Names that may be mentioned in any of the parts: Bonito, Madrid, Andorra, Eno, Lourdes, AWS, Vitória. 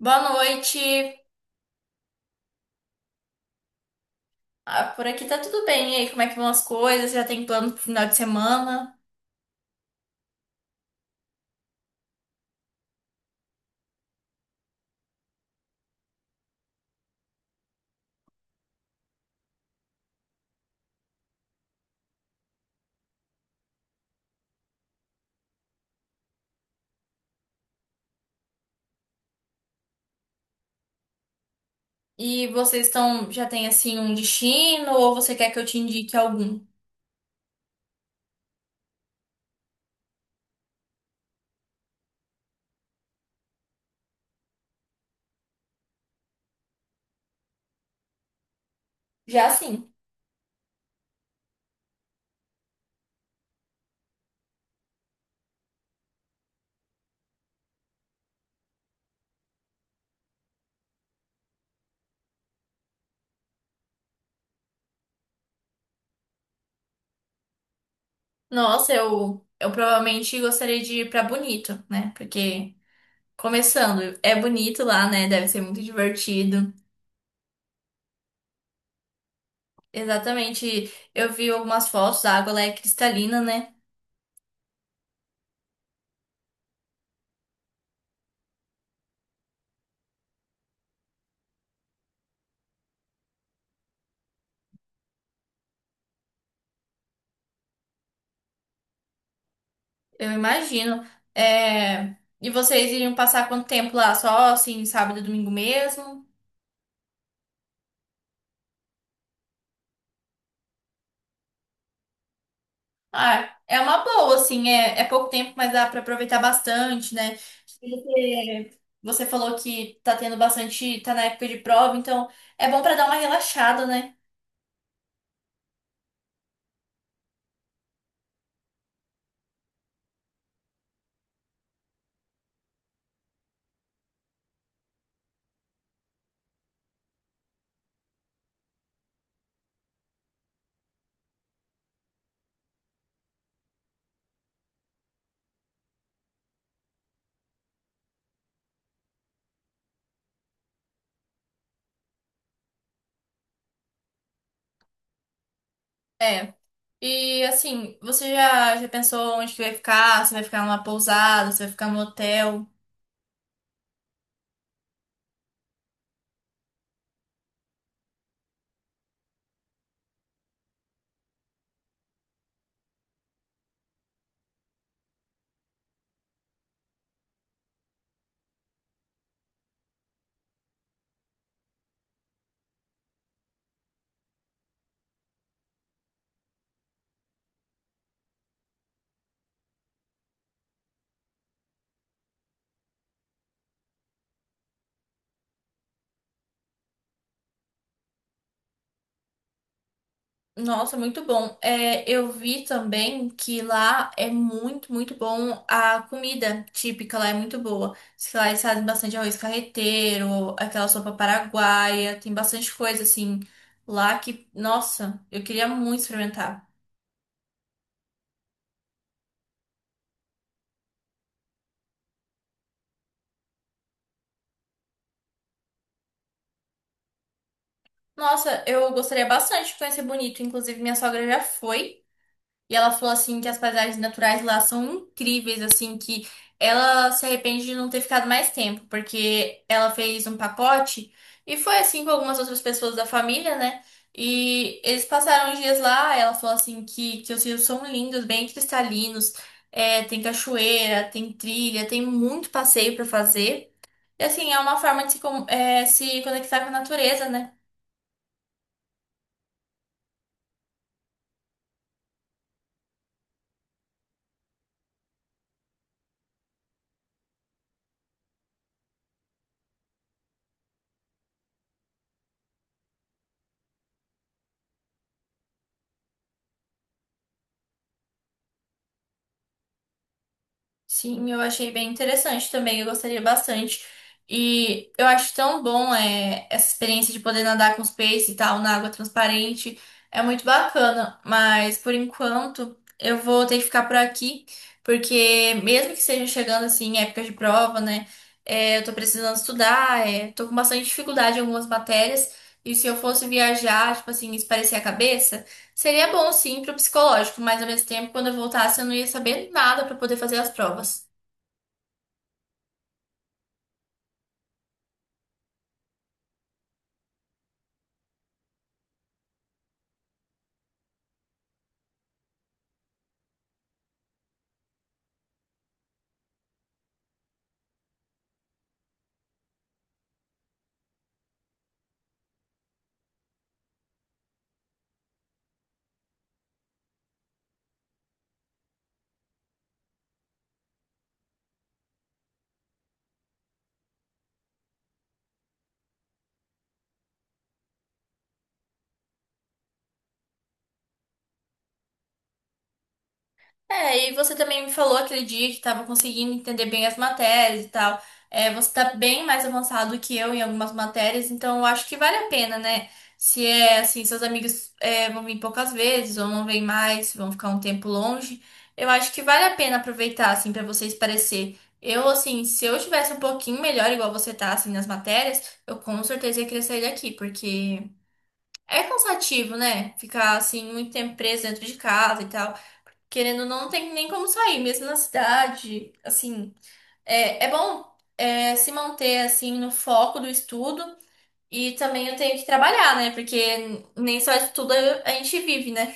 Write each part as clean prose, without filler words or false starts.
Boa noite. Ah, por aqui tá tudo bem. E aí, como é que vão as coisas? Já tem plano pro final de semana? E vocês estão, já tem assim um destino ou você quer que eu te indique algum? Já sim. Nossa, eu provavelmente gostaria de ir pra Bonito, né? Porque começando, é bonito lá, né? Deve ser muito divertido. Exatamente. Eu vi algumas fotos, a água lá é cristalina, né? Eu imagino. É... E vocês iriam passar quanto tempo lá? Só assim, sábado e domingo mesmo? Ah, é uma boa, assim, é, é pouco tempo, mas dá pra aproveitar bastante, né? Porque você falou que tá tendo bastante, tá na época de prova, então é bom pra dar uma relaxada, né? É. E assim, você já, já pensou onde que vai ficar? Você vai ficar numa pousada, você vai ficar no hotel? Nossa, muito bom. É, eu vi também que lá é muito, muito bom, a comida típica lá é muito boa. Diz que lá eles fazem bastante arroz carreteiro, aquela sopa paraguaia, tem bastante coisa assim lá que, nossa, eu queria muito experimentar. Nossa, eu gostaria bastante de conhecer Bonito, inclusive minha sogra já foi. E ela falou assim que as paisagens naturais lá são incríveis, assim, que ela se arrepende de não ter ficado mais tempo, porque ela fez um pacote e foi assim com algumas outras pessoas da família, né? E eles passaram os dias lá, ela falou assim que os rios são lindos, bem cristalinos, é, tem cachoeira, tem trilha, tem muito passeio pra fazer. E assim, é uma forma de se, é, se conectar com a natureza, né? Sim, eu achei bem interessante também, eu gostaria bastante. E eu acho tão bom, é, essa experiência de poder nadar com os peixes e tal, na água transparente. É muito bacana, mas por enquanto eu vou ter que ficar por aqui, porque mesmo que seja chegando assim, em época de prova, né? É, eu tô precisando estudar, é, tô com bastante dificuldade em algumas matérias. E se eu fosse viajar, tipo assim, espairecer a cabeça. Seria bom, sim, pro psicológico, mas ao mesmo tempo, quando eu voltasse, eu não ia saber nada para poder fazer as provas. É, e você também me falou aquele dia que estava conseguindo entender bem as matérias e tal. É, você tá bem mais avançado que eu em algumas matérias, então eu acho que vale a pena, né? Se é assim, seus amigos, é, vão vir poucas vezes ou não vêm mais, vão ficar um tempo longe, eu acho que vale a pena aproveitar, assim, para você esparecer. Eu, assim, se eu tivesse um pouquinho melhor, igual você tá, assim, nas matérias, eu com certeza ia querer sair daqui, porque. É cansativo, né? Ficar assim muito tempo preso dentro de casa e tal. Querendo ou não, não tem nem como sair, mesmo na cidade. Assim, é, é bom, é, se manter assim no foco do estudo. E também eu tenho que trabalhar, né? Porque nem só estudo a gente vive, né?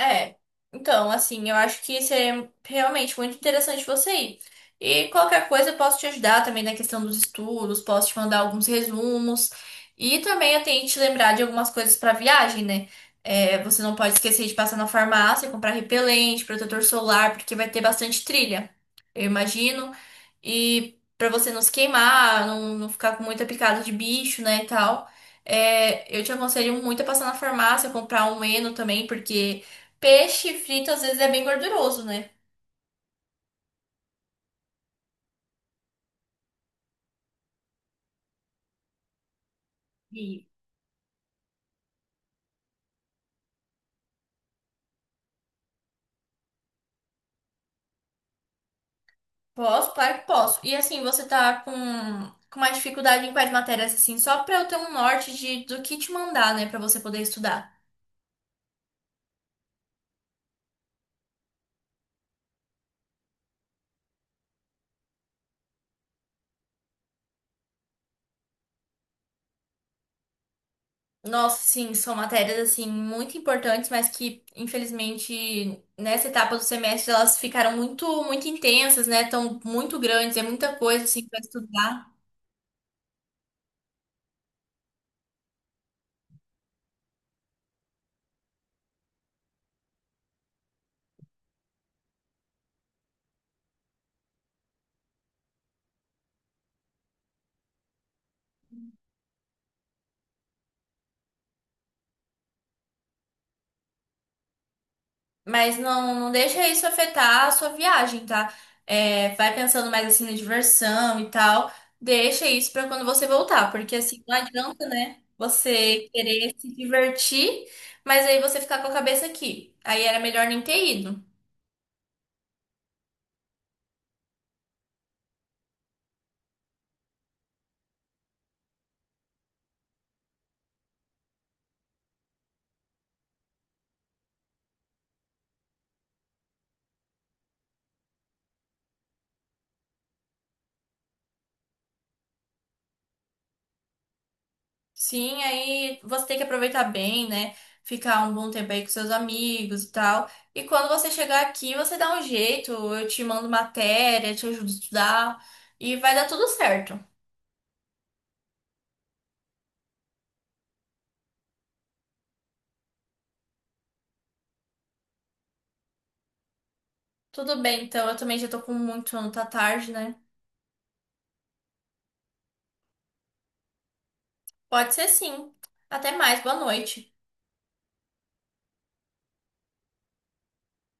É, então, assim, eu acho que seria realmente muito interessante você ir. E qualquer coisa eu posso te ajudar também na questão dos estudos, posso te mandar alguns resumos. E também eu tenho que te lembrar de algumas coisas para viagem, né? É, você não pode esquecer de passar na farmácia, comprar repelente, protetor solar, porque vai ter bastante trilha, eu imagino. E para você não se queimar, não, não ficar com muita picada de bicho, né, e tal. É, eu te aconselho muito a passar na farmácia, comprar um Eno também, porque. Peixe frito às vezes é bem gorduroso, né? E posso, claro que posso. E assim, você tá com mais dificuldade em quais matérias, assim, só pra eu ter um norte de, do que te mandar, né, pra você poder estudar. Nossa, sim, são matérias, assim, muito importantes, mas que, infelizmente, nessa etapa do semestre, elas ficaram muito, muito intensas, né, tão muito grandes, é muita coisa, assim, pra estudar. Mas não, não deixa isso afetar a sua viagem, tá? É, vai pensando mais assim na diversão e tal. Deixa isso pra quando você voltar, porque assim não adianta, né? Você querer se divertir, mas aí você ficar com a cabeça aqui. Aí era melhor nem ter ido. Sim, aí você tem que aproveitar bem, né? Ficar um bom tempo aí com seus amigos e tal. E quando você chegar aqui, você dá um jeito, eu te mando matéria, te ajudo a estudar e vai dar tudo certo. Tudo bem, então eu também já tô com muito sono, tá tarde, né? Pode ser sim. Até mais, boa noite.